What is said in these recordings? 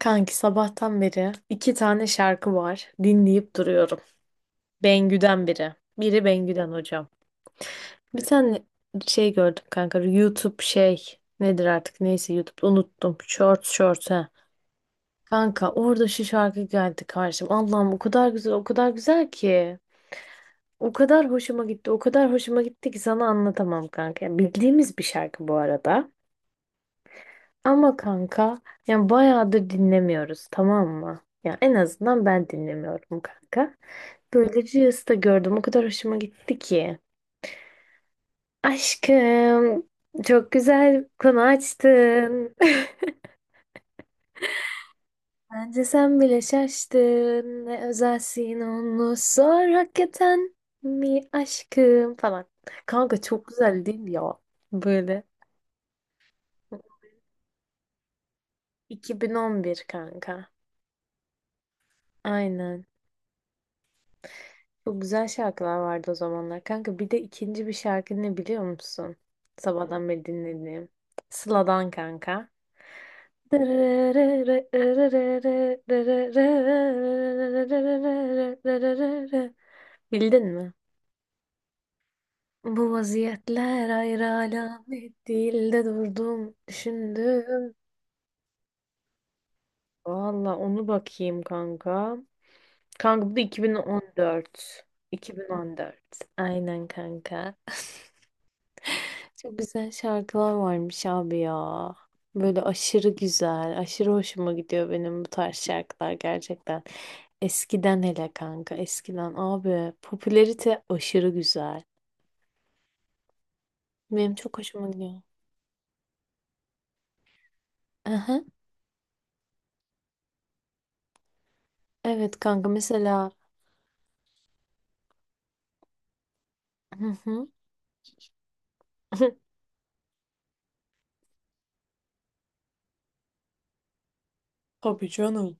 Kanki sabahtan beri iki tane şarkı var. Dinleyip duruyorum. Bengü'den biri. Biri Bengü'den hocam. Bir tane şey gördüm kanka. YouTube şey nedir artık neyse YouTube unuttum. Short short ha. Kanka orada şu şarkı geldi karşıma. Allah'ım o kadar güzel o kadar güzel ki. O kadar hoşuma gitti o kadar hoşuma gitti ki sana anlatamam kanka. Yani bildiğimiz bir şarkı bu arada. Ama kanka yani bayağıdır dinlemiyoruz, tamam mı? Ya en azından ben dinlemiyorum kanka. Böylece Reels'ta gördüm. O kadar hoşuma gitti ki. Aşkım, çok güzel konu açtın. Bence sen bile şaştın. Ne özelsin onu sor, hakikaten mi aşkım falan. Kanka çok güzel değil mi ya. Böyle. 2011 kanka. Aynen. Çok güzel şarkılar vardı o zamanlar. Kanka bir de ikinci bir şarkı ne biliyor musun? Sabahtan beri dinlediğim. Sıla'dan kanka. Bildin mi? Bu vaziyetler ayrı alamet değil de durdum düşündüm. Valla onu bakayım kanka. Kanka bu da 2014. 2014. Aynen kanka. Çok güzel şarkılar varmış abi ya. Böyle aşırı güzel, aşırı hoşuma gidiyor benim bu tarz şarkılar gerçekten. Eskiden hele kanka, eskiden abi popülerite aşırı güzel. Benim çok hoşuma gidiyor. Aha, evet kanka mesela. Hı hı. Tabii canım.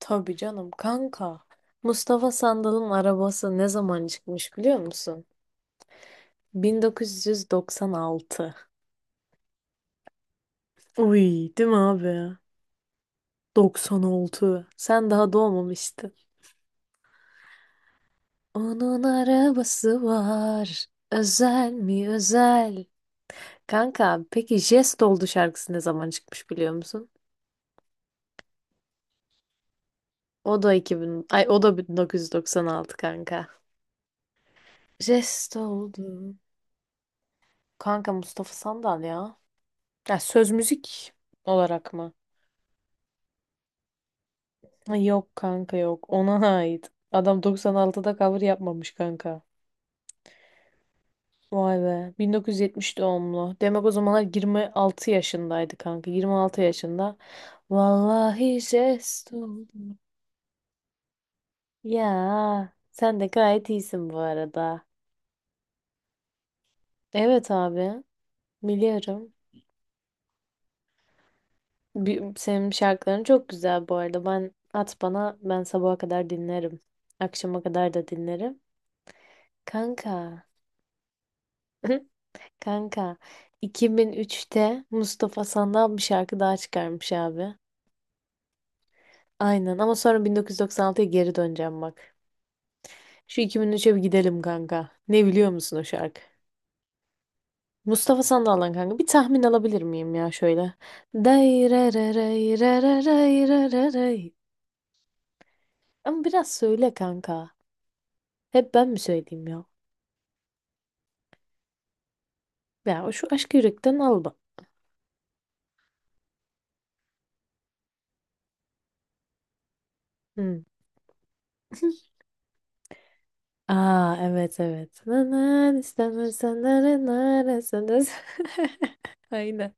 Tabii canım kanka. Mustafa Sandal'ın arabası ne zaman çıkmış biliyor musun? 1996. Uy, değil mi abi? 96. Sen daha doğmamıştın. Onun arabası var. Özel mi özel? Kanka peki Jest oldu şarkısı ne zaman çıkmış biliyor musun? O da 2000 ay o da 1996 kanka. Jest oldu. Kanka Mustafa Sandal ya. Ya söz müzik olarak mı? Ha, yok kanka yok. Ona ait. Adam 96'da cover yapmamış kanka. Vay be. 1970 doğumlu. Demek o zamanlar 26 yaşındaydı kanka. 26 yaşında. Vallahi jest oldu. Ya sen de gayet iyisin bu arada. Evet abi. Biliyorum. Senin şarkıların çok güzel bu arada. Ben at bana, ben sabaha kadar dinlerim. Akşama kadar da dinlerim. Kanka. Kanka. 2003'te Mustafa Sandal bir şarkı daha çıkarmış abi. Aynen ama sonra 1996'ya geri döneceğim bak. Şu 2003'e bir gidelim kanka. Ne biliyor musun o şarkı? Mustafa Sandal'dan kanka bir tahmin alabilir miyim ya şöyle? Day re re re re re re re re re. Ama biraz söyle kanka. Hep ben mi söyleyeyim ya? Ya o şu aşk yürekten al bak. Hı. Aa evet evet. Na na, na, na, na, na, na, na, na, Aynen.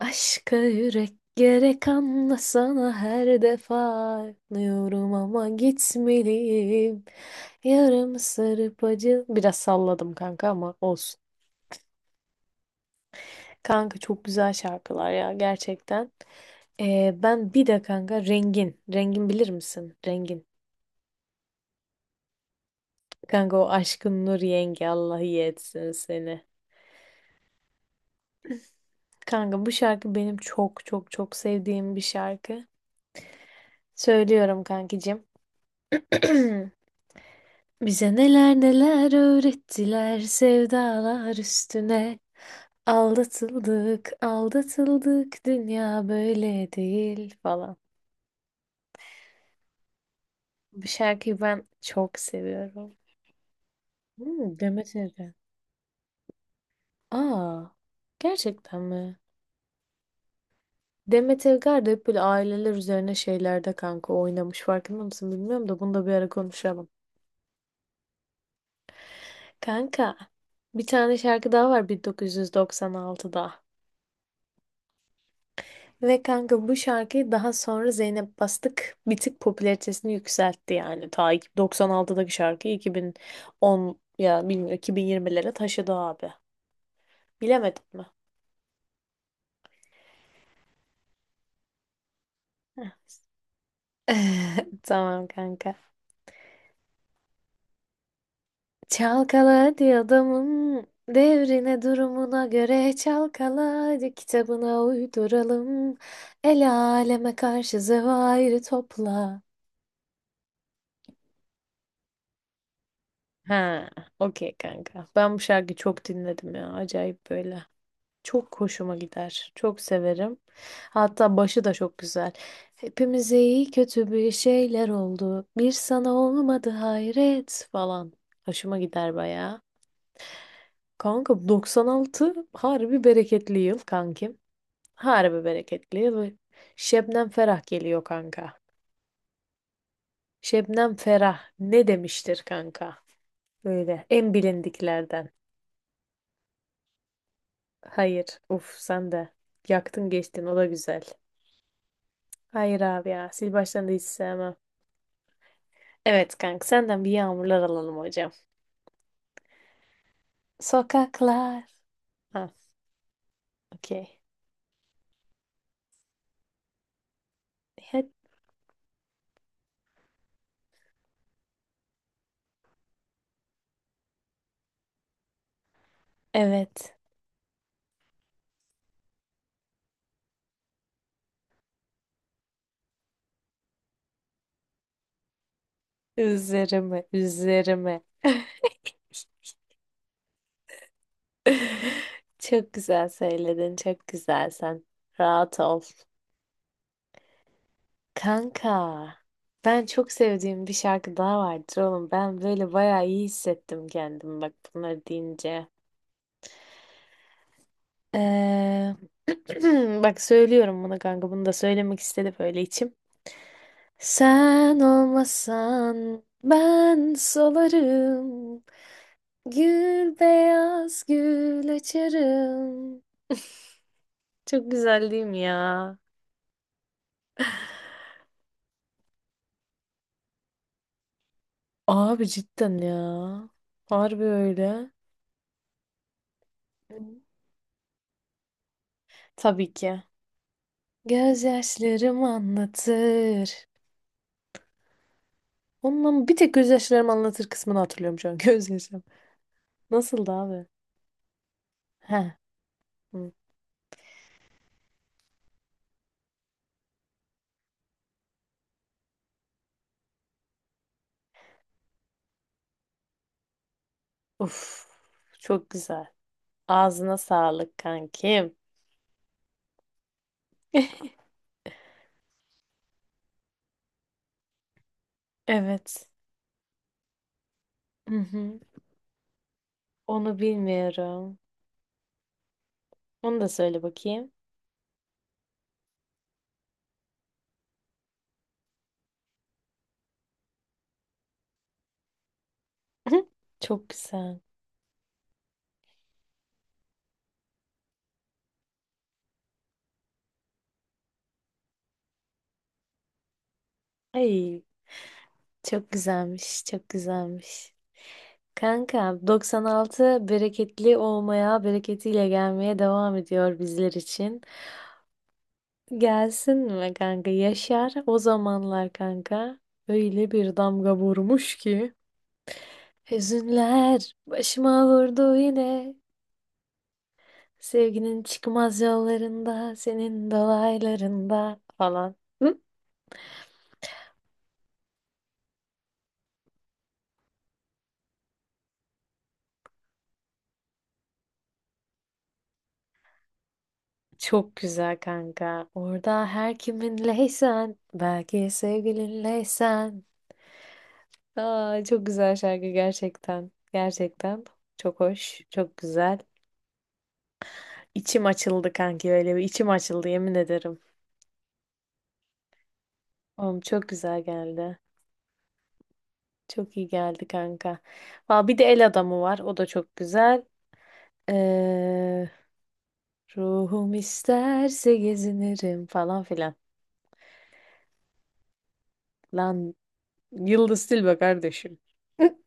Aşka yürek gerek anlasana, her defa anlıyorum ama gitmeliyim. Yarım sarıp acı. Biraz salladım kanka ama olsun. Kanka çok güzel şarkılar ya gerçekten. Ben bir de kanka Rengin. Rengin bilir misin? Rengin. Kanka o aşkın Nur Yengi, Allah iyi etsin seni. Kanka bu şarkı benim çok çok çok sevdiğim bir şarkı. Söylüyorum kankicim. Bize neler neler öğrettiler sevdalar üstüne. Aldatıldık, aldatıldık, dünya böyle değil falan. Bu şarkıyı ben çok seviyorum. Hmm, Demet Evgar. Aa, gerçekten mi? Demet Evgar da hep böyle aileler üzerine şeylerde kanka oynamış. Farkında mısın bilmiyorum da, bunu da bir ara konuşalım. Kanka, bir tane şarkı daha var 1996'da. Ve kanka bu şarkıyı daha sonra Zeynep Bastık bir tık popülaritesini yükseltti yani. Ta 96'daki şarkıyı 2010 ya bilmiyorum 2020'lere taşıdı abi. Bilemedim mi? Heh. Tamam kanka. Çalkala hadi adamın devrine durumuna göre, çalkala hadi kitabına uyduralım. El aleme karşı zevairi topla. Ha, okey kanka. Ben bu şarkıyı çok dinledim ya. Acayip böyle. Çok hoşuma gider. Çok severim. Hatta başı da çok güzel. Hepimize iyi kötü bir şeyler oldu. Bir sana olmadı hayret falan. Hoşuma gider bayağı. Kanka 96 harbi bereketli yıl kankim. Harbi bereketli yıl. Şebnem Ferah geliyor kanka. Şebnem Ferah ne demiştir kanka? Böyle en bilindiklerden. Hayır. Uf sen de. Yaktın geçtin o da güzel. Hayır abi ya. Sil baştan da hiç sevmem. Evet kanka, senden bir yağmurlar alalım hocam. Sokaklar. Ha, okey. He- Evet. Üzerime, üzerime. Çok güzel söyledin, çok güzel sen. Rahat ol. Kanka, ben çok sevdiğim bir şarkı daha vardır oğlum. Ben böyle bayağı iyi hissettim kendimi bak bunları deyince. Ee, Bak söylüyorum bunu kanka. Bunu da söylemek istedi böyle içim. Sen olmasan ben solarım. Gül beyaz gül açarım. Çok güzel değil mi ya? Abi cidden ya. Harbi öyle. Tabii ki. Gözyaşlarım anlatır. Ondan bir tek gözyaşlarım anlatır kısmını hatırlıyorum şu an. Gözyaşlarım. Nasıldı abi? Heh. Hı. Uf. Çok güzel. Ağzına sağlık kankim. Evet. Hı hı. Onu bilmiyorum. Onu da söyle bakayım. Çok güzel. Ay, çok güzelmiş, çok güzelmiş. Kanka, 96 bereketli olmaya, bereketiyle gelmeye devam ediyor bizler için. Gelsin mi kanka? Yaşar o zamanlar kanka. Öyle bir damga vurmuş ki. Hüzünler başıma vurdu yine. Sevginin çıkmaz yollarında, senin dolaylarında falan. Hı? Çok güzel kanka. Orada her kiminleysen, belki sevgilinleysen. Aa, çok güzel şarkı gerçekten. Gerçekten çok hoş, çok güzel. İçim açıldı kanki, öyle bir içim açıldı yemin ederim. Oğlum çok güzel geldi. Çok iyi geldi kanka. Aa, bir de El Adamı var. O da çok güzel. Ee, ruhum isterse gezinirim falan filan. Lan Yıldız Tilbe kardeşim.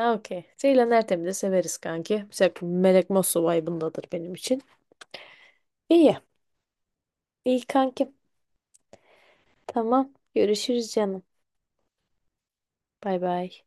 Ha okey. Ceylan Ertem'i de severiz kanki. Mesela Melek Mosso vibe'ındadır benim için. İyi. İyi kankim. Tamam. Görüşürüz canım. Bay bay.